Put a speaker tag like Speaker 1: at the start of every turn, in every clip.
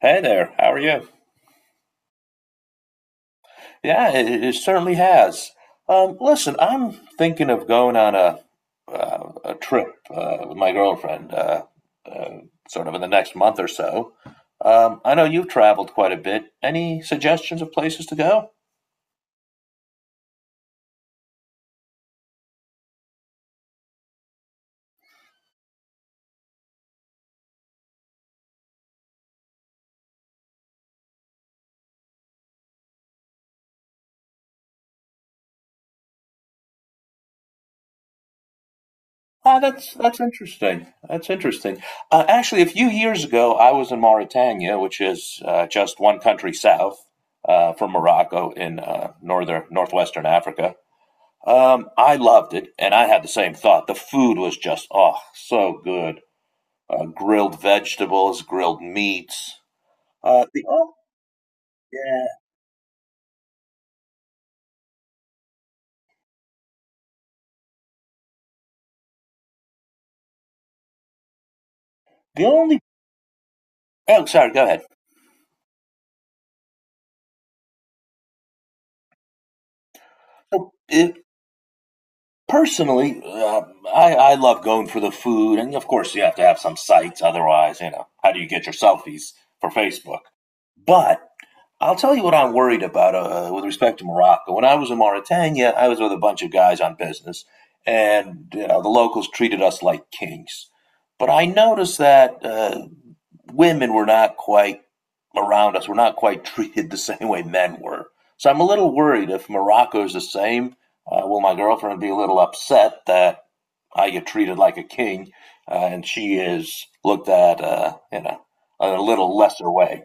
Speaker 1: Hey there, how are you? Yeah, it certainly has. Listen, I'm thinking of going on a trip with my girlfriend, uh, sort of in the next month or so. I know you've traveled quite a bit. Any suggestions of places to go? Ah, that's interesting. That's interesting. Actually, a few years ago, I was in Mauritania, which is just one country south from Morocco in northern northwestern Africa. I loved it, and I had the same thought. The food was just oh so good. Grilled vegetables, grilled meats. The oh Yeah. The only Oh, sorry, go ahead. So, uh, Personally, I love going for the food, and of course, you have to have some sites. Otherwise, you know, how do you get your selfies for Facebook? But I'll tell you what I'm worried about with respect to Morocco. When I was in Mauritania, I was with a bunch of guys on business, and you know, the locals treated us like kings. But I noticed that women were not quite around us, were not quite treated the same way men were. So I'm a little worried if Morocco is the same, will my girlfriend be a little upset that I get treated like a king and she is looked at, you know, in a little lesser way?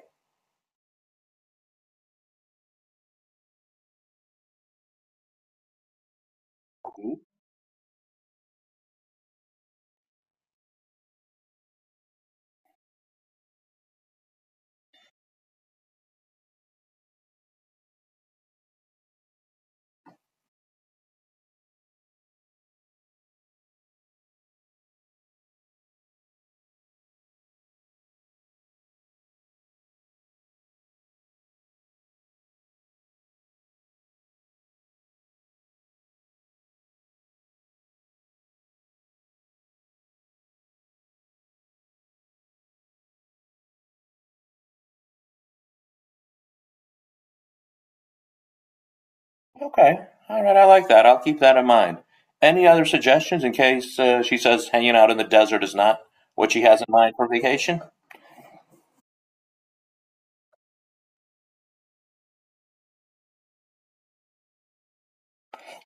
Speaker 1: Okay. All right. I like that. I'll keep that in mind. Any other suggestions in case she says hanging out in the desert is not what she has in mind for vacation?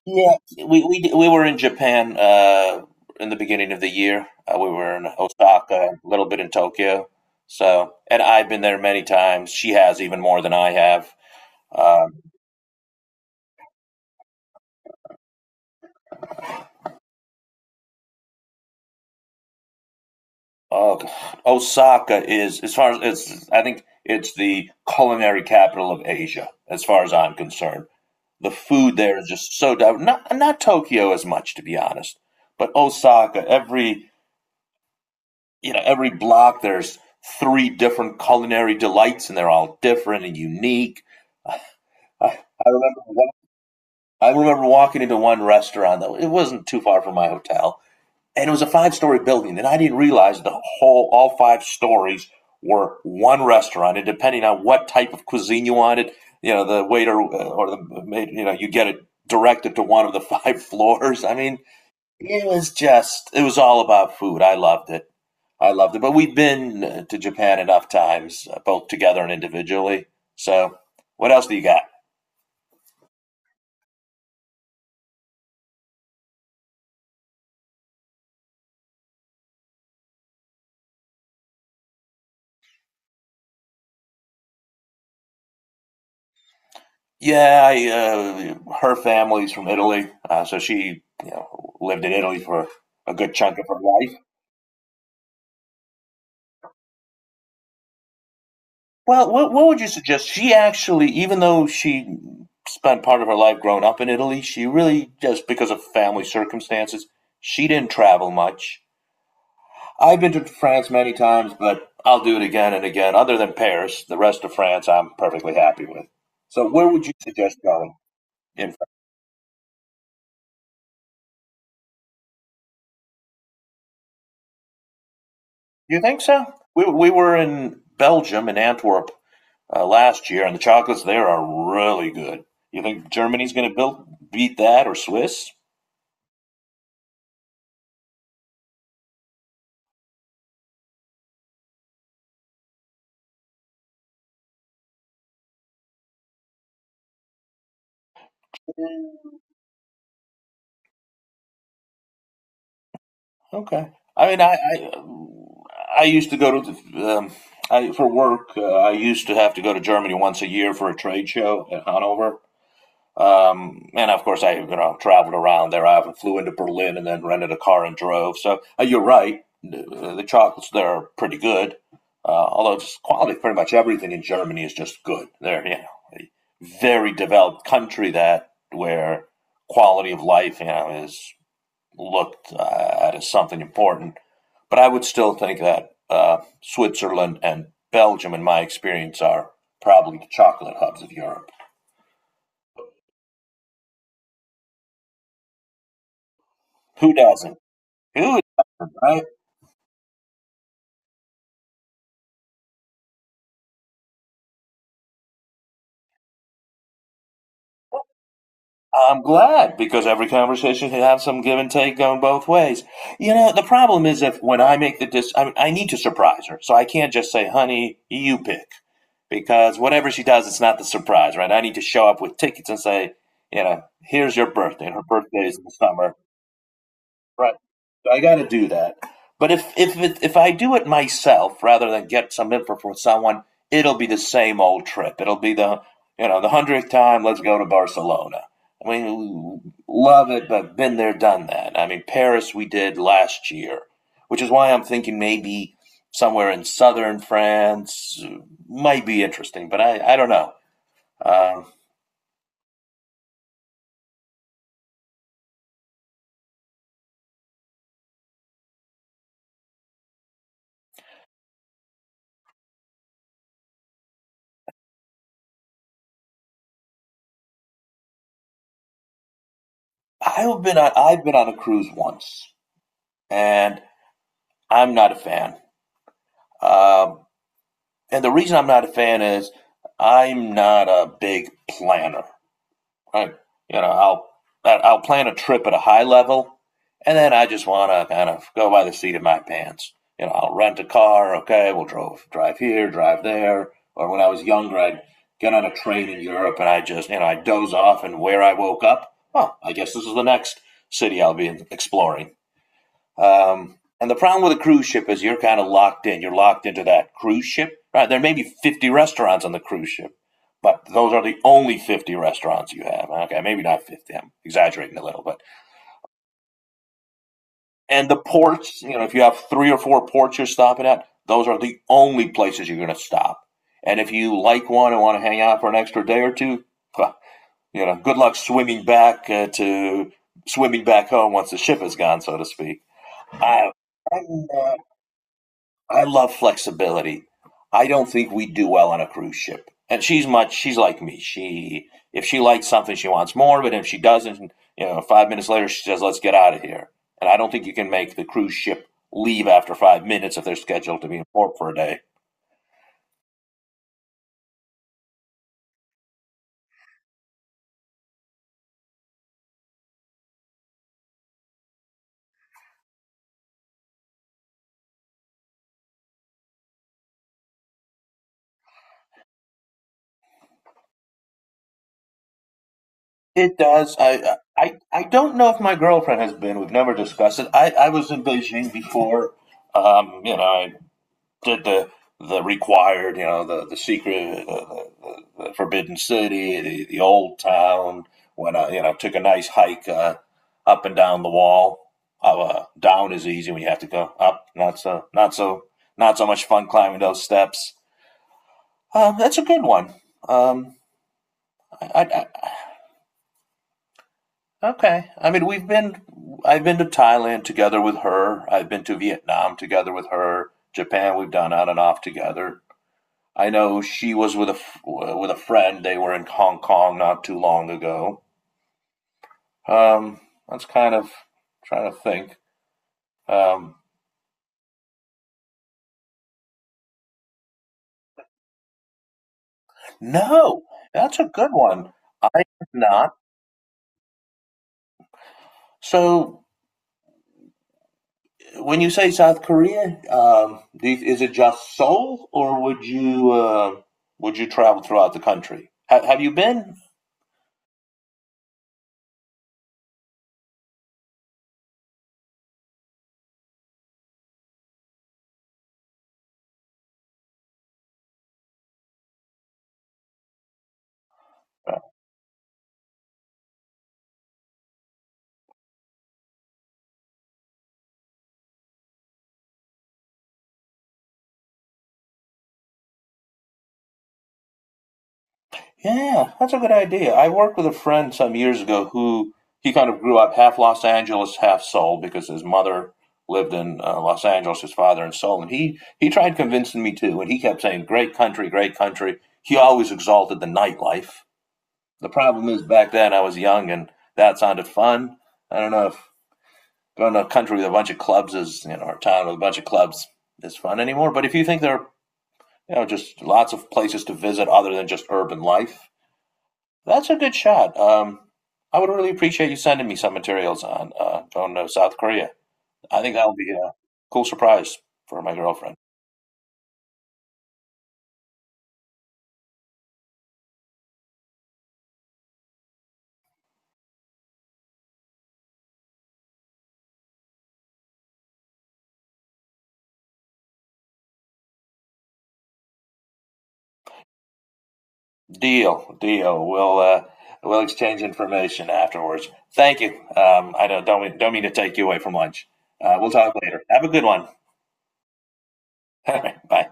Speaker 1: Yeah. We were in Japan in the beginning of the year. We were in Osaka, a little bit in Tokyo. So, and I've been there many times. She has even more than I have. Um, oh, God. Osaka is as far as it's. I think it's the culinary capital of Asia, as far as I'm concerned. The food there is just so diverse. Not Tokyo as much, to be honest, but Osaka. Every you know every block there's three different culinary delights, and they're all different and unique. I, I remember I remember walking into one restaurant that it wasn't too far from my hotel, and it was a five-story building, and I didn't realize the whole all five stories were one restaurant, and depending on what type of cuisine you wanted, you know, the waiter or the maid, you know, you get it directed to one of the five floors. I mean, it was just, it was all about food. I loved it. But we've been to Japan enough times, both together and individually, so what else do you got? Yeah, her family's from Italy, so she, you know, lived in Italy for a good chunk of her life. Well, what would you suggest? She actually, even though she spent part of her life growing up in Italy, she really, just because of family circumstances, she didn't travel much. I've been to France many times, but I'll do it again and again. Other than Paris, the rest of France, I'm perfectly happy with. So, where would you suggest going? In France? You think so? We were in Belgium in Antwerp last year, and the chocolates there are really good. You think Germany's going to build beat that or Swiss? Okay. I mean, I I used to go to the, for work. I used to have to go to Germany once a year for a trade show at Hanover. And of course, I, you know, traveled around there. I often flew into Berlin and then rented a car and drove. So you're right, the chocolates there are pretty good. Although just quality, pretty much everything in Germany is just good. They're, you know, a very developed country, that where quality of life, you know, is looked at as something important. But I would still think that Switzerland and Belgium, in my experience, are probably the chocolate hubs of Europe. Who doesn't? Who? I, I'm glad because every conversation can have some give and take going both ways. You know, the problem is, if when I make the I need to surprise her, so I can't just say, "Honey, you pick," because whatever she does, it's not the surprise, right? I need to show up with tickets and say, you know, here's your birthday, and her birthday is in the summer. Right. I got to do that. But if if I do it myself rather than get some info from someone, it'll be the same old trip. It'll be the, you know, the 100th time. Let's go to Barcelona. I mean, love it, but been there, done that. I mean, Paris we did last year, which is why I'm thinking maybe somewhere in southern France might be interesting. But I don't know. Um, I've been on a cruise once, and I'm not a fan. Um, And the reason I'm not a fan is I'm not a big planner. I, you know, I will plan a trip at a high level, and then I just want to kind of go by the seat of my pants. You know, I'll rent a car. Okay, we'll drive here, drive there. Or when I was younger, I'd get on a train in Europe, and I just, you know, I doze off, and where I woke up, oh, I guess this is the next city I'll be exploring. And the problem with a cruise ship is you're kind of locked in. You're locked into that cruise ship. Right? There may be 50 restaurants on the cruise ship, but those are the only 50 restaurants you have. Okay, maybe not 50. I'm exaggerating a little, but and the ports. You know, if you have three or four ports you're stopping at, those are the only places you're going to stop. And if you like one and want to hang out for an extra day or two, well, you know, good luck swimming back to swimming back home once the ship is gone, so to speak. I, I'm, uh, I love flexibility. I don't think we'd do well on a cruise ship. And she's like me. She, if she likes something, she wants more, but if she doesn't, you know, 5 minutes later she says, "Let's get out of here." And I don't think you can make the cruise ship leave after 5 minutes if they're scheduled to be in port for a day. It does. I don't know if my girlfriend has been. We've never discussed it. I was in Beijing before. You know, I did the required, you know, the Forbidden City, the old town. When I, you know, took a nice hike up and down the wall. Down is easy when you have to go up. Not so much fun climbing those steps. That's a good one. Um, I, okay. I mean, we've been. I've been to Thailand together with her. I've been to Vietnam together with her. Japan, we've done on and off together. I know she was with a friend. They were in Hong Kong not too long ago. Um, that's kind of trying to think. Um, no, that's a good one. I did not. So when you say South Korea, is it just Seoul, or would you travel throughout the country? Have you been? Yeah, that's a good idea. I worked with a friend some years ago who he kind of grew up half Los Angeles, half Seoul because his mother lived in Los Angeles, his father in Seoul, and he tried convincing me too, and he kept saying, "Great country, great country." He always exalted the nightlife. The problem is back then I was young and that sounded fun. I don't know if going to a country with a bunch of clubs is, you know, or a town with a bunch of clubs is fun anymore. But if you think there are, you know, just lots of places to visit other than just urban life, that's a good shot. I would really appreciate you sending me some materials on going to South Korea. I think that'll be a cool surprise for my girlfriend. Deal, deal. We'll exchange information afterwards. Thank you. I don't mean to take you away from lunch. We'll talk later. Have a good one. Bye.